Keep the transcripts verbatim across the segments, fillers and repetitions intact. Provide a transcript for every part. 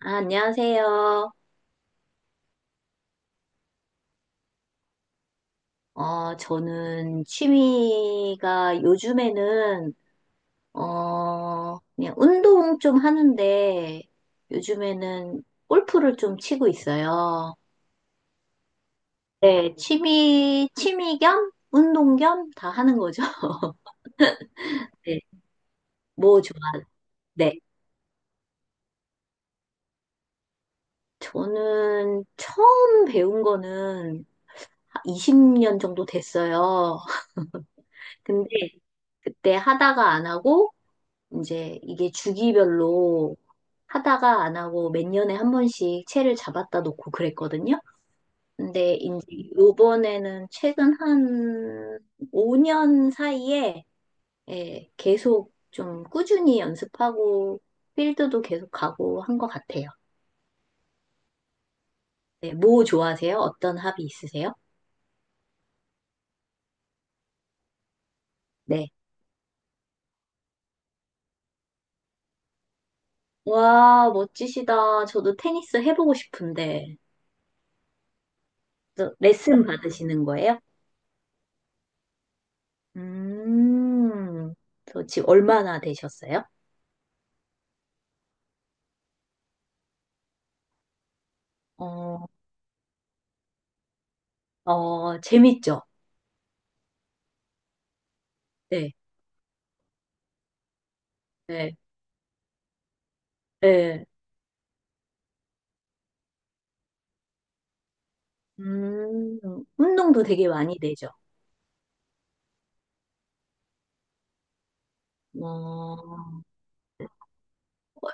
아, 안녕하세요. 어, 저는 취미가 요즘에는, 어, 그냥 운동 좀 하는데, 요즘에는 골프를 좀 치고 있어요. 네, 취미, 취미 겸, 운동 겸 다 하는 거죠. 네, 뭐 좋아. 네. 저는 처음 배운 거는 이십 년 정도 됐어요. 근데 그때 하다가 안 하고, 이제 이게 주기별로 하다가 안 하고 몇 년에 한 번씩 채를 잡았다 놓고 그랬거든요. 근데 이제 요번에는 최근 한 오 년 사이에 예, 계속 좀 꾸준히 연습하고 필드도 계속 가고 한 것 같아요. 네, 뭐 좋아하세요? 어떤 합이 있으세요? 네. 와, 멋지시다. 저도 테니스 해보고 싶은데. 저 레슨 받으시는 거예요? 음, 저 지금 얼마나 되셨어요? 어, 어, 재밌죠? 네, 네, 네. 음, 운동도 되게 많이 되죠. 어,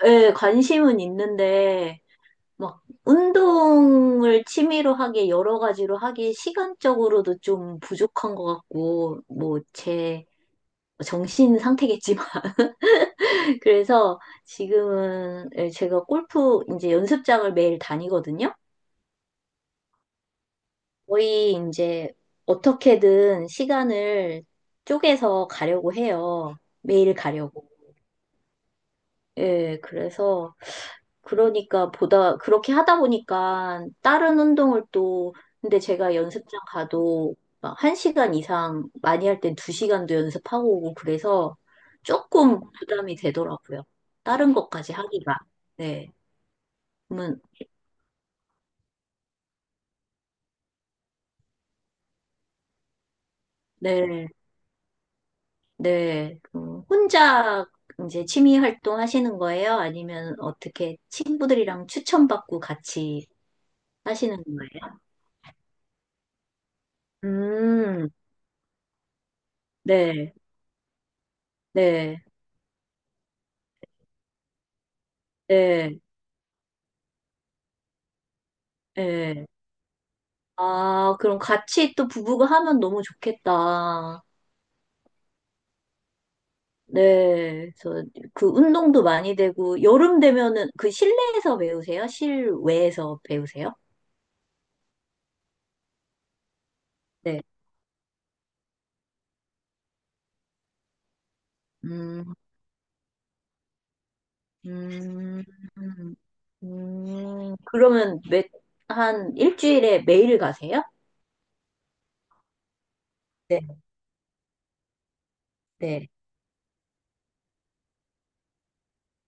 예, 관심은 있는데, 막, 운동을 취미로 하게, 여러 가지로 하기 시간적으로도 좀 부족한 것 같고, 뭐, 제 정신 상태겠지만. 그래서 지금은 예, 제가 골프 이제 연습장을 매일 다니거든요. 거의 이제 어떻게든 시간을 쪼개서 가려고 해요. 매일 가려고. 예, 그래서 그러니까 보다 그렇게 하다 보니까 다른 운동을 또 근데 제가 연습장 가도 막시간 이상 많이 할 땐 두 시간도 연습하고 오고 그래서 조금 부담이 되더라고요. 다른 것까지 하기가. 네. 그러면 네. 네, 음, 혼자 이제 취미 활동 하시는 거예요? 아니면 어떻게 친구들이랑 추천받고 같이 하시는 거예요? 음, 네, 네, 네, 네. 아, 그럼 같이 또 부부가 하면 너무 좋겠다. 네, 그래서 그 운동도 많이 되고, 여름 되면은 그 실내에서 배우세요? 실외에서 배우세요? 네. 음, 음, 음, 그러면 매, 한 일주일에 매일 가세요? 네, 네.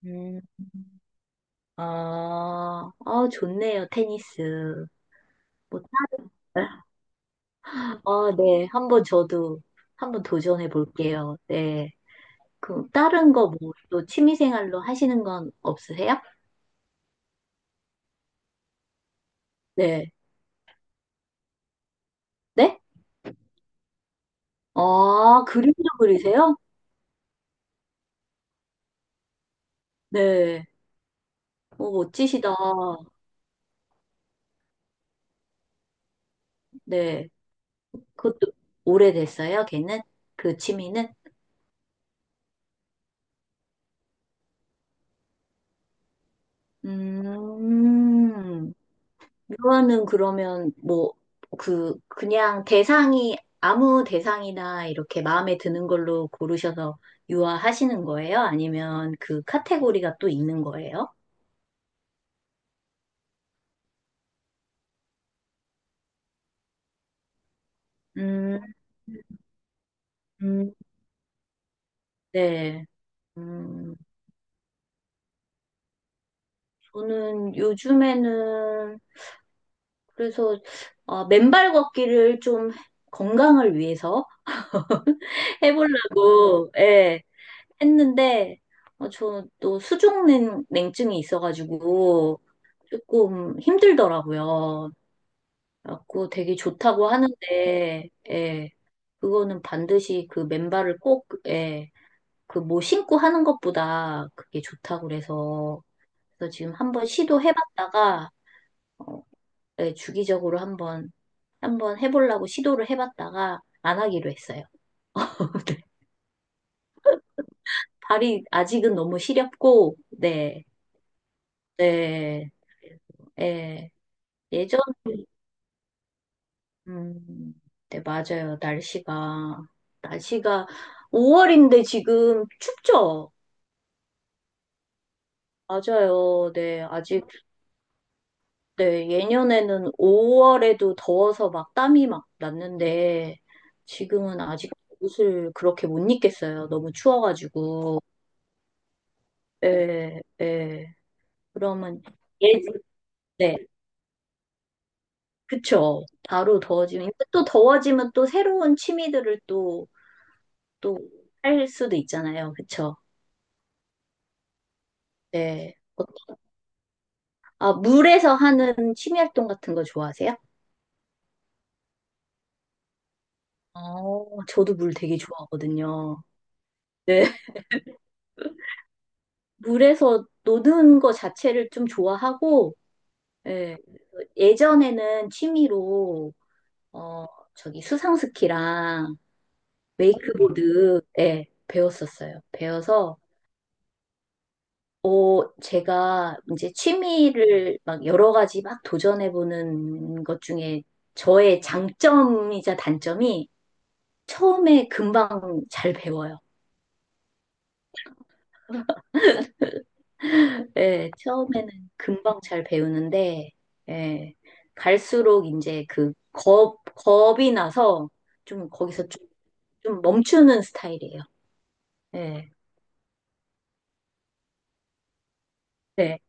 음, 아, 아, 좋네요, 테니스. 뭐, 따- 아, 네. 한번 저도 한번 도전해 볼게요. 네. 그럼 다른 거 뭐 또 취미 생활로 하시는 건 없으세요? 네. 네? 아, 그림도 그리세요? 네. 오, 멋지시다. 네. 그것도 오래됐어요, 걔는? 그 취미는? 음, 유아는 그러면 뭐, 그, 그냥 대상이, 아무 대상이나 이렇게 마음에 드는 걸로 고르셔서 유아 하시는 거예요? 아니면 그 카테고리가 또 있는 거예요? 음, 음, 네. 음, 저는 요즘에는, 그래서, 어, 맨발 걷기를 좀 건강을 위해서 해보려고, 예. 했는데 어, 저또 수족냉 냉증이 있어가지고 조금 힘들더라고요. 그래갖고 되게 좋다고 하는데 예, 그거는 반드시 그 맨발을 꼭 예, 그뭐 신고 하는 것보다 그게 좋다고 그래서 그래서 지금 한번 시도해봤다가 어, 예, 주기적으로 한번 한번 해보려고 시도를 해봤다가 안 하기로 했어요. 네. 발이 아직은 너무 시렵고 네. 네. 예, 예전에, 음, 네, 맞아요. 날씨가, 날씨가 오월인데 지금 춥죠? 맞아요. 네, 아직, 네, 예년에는 오월에도 더워서 막 땀이 막 났는데 지금은 아직 옷을 그렇게 못 입겠어요. 너무 추워가지고. 예, 예. 그러면, 예, 네, 그쵸. 바로 더워지면, 또 더워지면 또 새로운 취미들을 또 또 할 수도 있잖아요. 그쵸? 네. 어, 아, 물에서 하는 취미 활동 같은 거 좋아하세요? 어, 저도 물 되게 좋아하거든요. 네. 물에서 노는 거 자체를 좀 좋아하고, 예, 예전에는 취미로, 어, 저기 수상스키랑 웨이크보드, 예, 배웠었어요. 배워서 어, 제가 이제 취미를 막 여러 가지 막 도전해보는 것 중에 저의 장점이자 단점이 처음에 금방 잘 배워요. 예, 처음에는 금방 잘 배우는데, 예, 갈수록 이제 그 겁, 겁이 나서 좀 거기서 좀, 좀 멈추는 스타일이에요. 예, 네,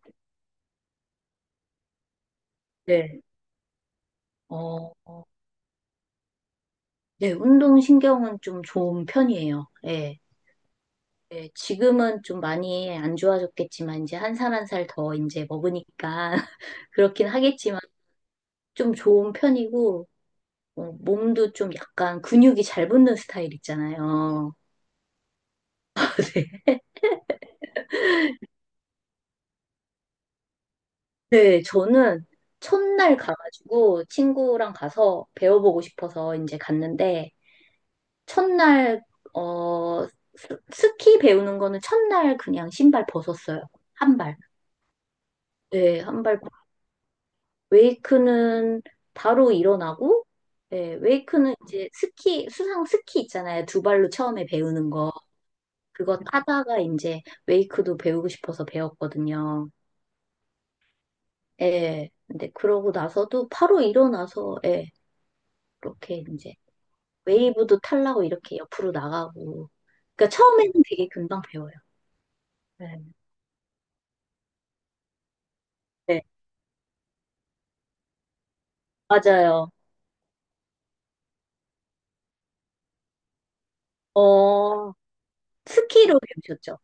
네. 어, 어, 네, 운동신경은 좀 좋은 편이에요. 예. 네, 지금은 좀 많이 안 좋아졌겠지만, 이제 한 살 한 살 더 이제 먹으니까, 그렇긴 하겠지만, 좀 좋은 편이고, 어, 몸도 좀 약간 근육이 잘 붙는 스타일 있잖아요. 네, 네, 저는 첫날 가가지고 친구랑 가서 배워보고 싶어서 이제 갔는데, 첫날, 어, 스- 스키 배우는 거는 첫날 그냥 신발 벗었어요. 한 발. 네, 한발 웨이크는 바로 일어나고, 예, 웨이크는 이제 스키, 수상 스키 있잖아요. 두 발로 처음에 배우는 거. 그거 타다가 이제 웨이크도 배우고 싶어서 배웠거든요. 예. 근데 그러고 나서도 바로 일어나서, 예, 이렇게 이제 웨이브도 타려고 이렇게 옆으로 나가고. 그러니까 처음에는 되게 금방 배워요. 네. 네, 맞아요. 어, 스키로 배우셨죠?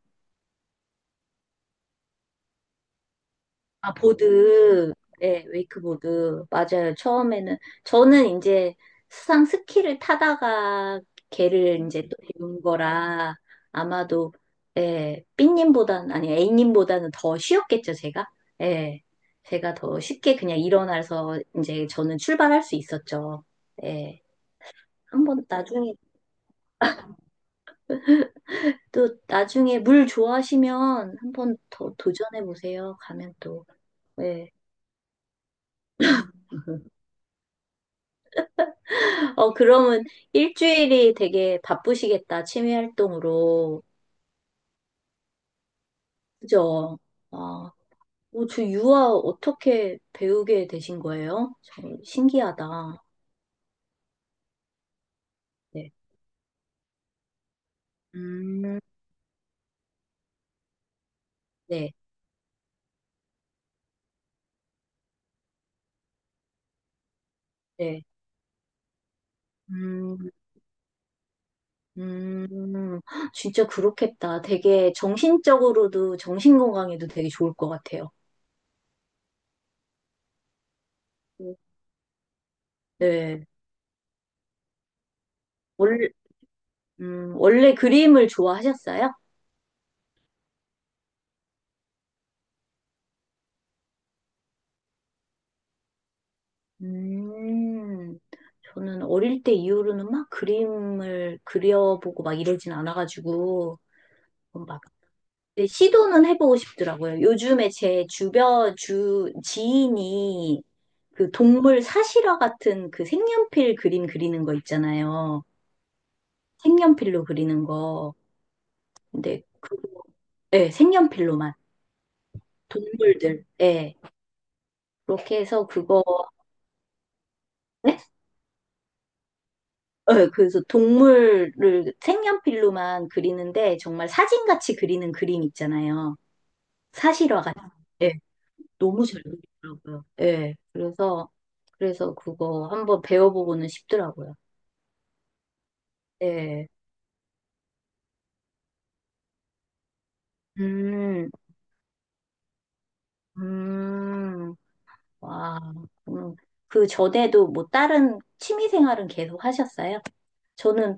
아, 보드. 예, 웨이크보드. 맞아요. 처음에는. 저는 이제 수상 스키를 타다가 걔를 이제 또 배운 거라 아마도, 예, 삐님보다는, 아니, A님보다는 더 쉬웠겠죠, 제가? 예, 제가 더 쉽게 그냥 일어나서 이제 저는 출발할 수 있었죠. 예, 한번 나중에, 또 나중에 물 좋아하시면 한번 더 도전해 보세요. 가면 또, 예. 어, 그러면 일주일이 되게 바쁘시겠다, 취미 활동으로. 그죠? 아, 어, 저 유아 어떻게 배우게 되신 거예요? 참 신기하다. 네. 음, 네, 네. 음, 음, 진짜 그렇겠다. 되게 정신적으로도, 정신 건강에도 되게 좋을 것 같아요. 네. 원래, 음, 원래 그림을 좋아하셨어요? 음, 저는 어릴 때 이후로는 막 그림을 그려보고 막 이러진 않아가지고, 막, 근데 시도는 해보고 싶더라고요. 요즘에 제 주변, 주, 지인이 그 동물 사실화 같은 그 색연필 그림 그리는 거 있잖아요. 색연필로 그리는 거. 근데 그거, 예, 색연필로만. 동물들, 예. 그렇게 해서 그거 네? 어, 그래서 동물을 색연필로만 그리는데 정말 사진같이 그리는 그림 있잖아요. 사실화 같 예, 너무 잘 그리더라고요. 예, 그래서, 그래서 그거 한번 배워보고는 싶더라고요. 예, 음, 음, 와, 음, 그 전에도 뭐 다른 취미 생활은 계속 하셨어요? 저는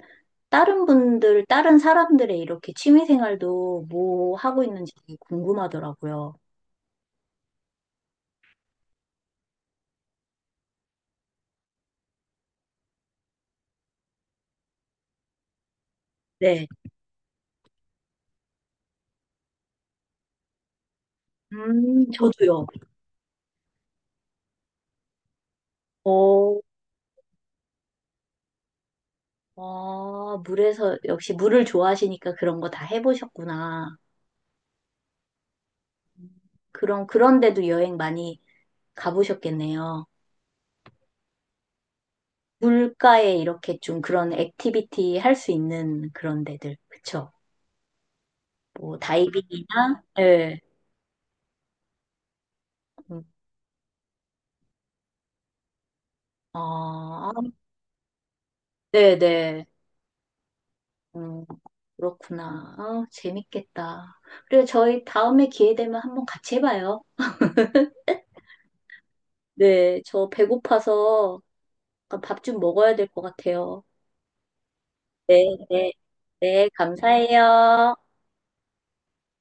다른 분들, 다른 사람들의 이렇게 취미 생활도 뭐 하고 있는지 되게 궁금하더라고요. 네. 음, 저도요. 어, 아, 물에서, 역시 물을 좋아하시니까 그런 거 다 해보셨구나. 그럼, 그런데도 여행 많이 가보셨겠네요. 물가에 이렇게 좀 그런 액티비티 할 수 있는 그런 데들. 그쵸? 뭐, 다이빙이나, 예. 음, 아, 네네. 음, 그렇구나. 아, 재밌겠다. 그리고 저희 다음에 기회 되면 한번 같이 해봐요. 네, 저 배고파서 그러니까 밥좀 먹어야 될 것 같아요. 네, 네, 네, 감사해요.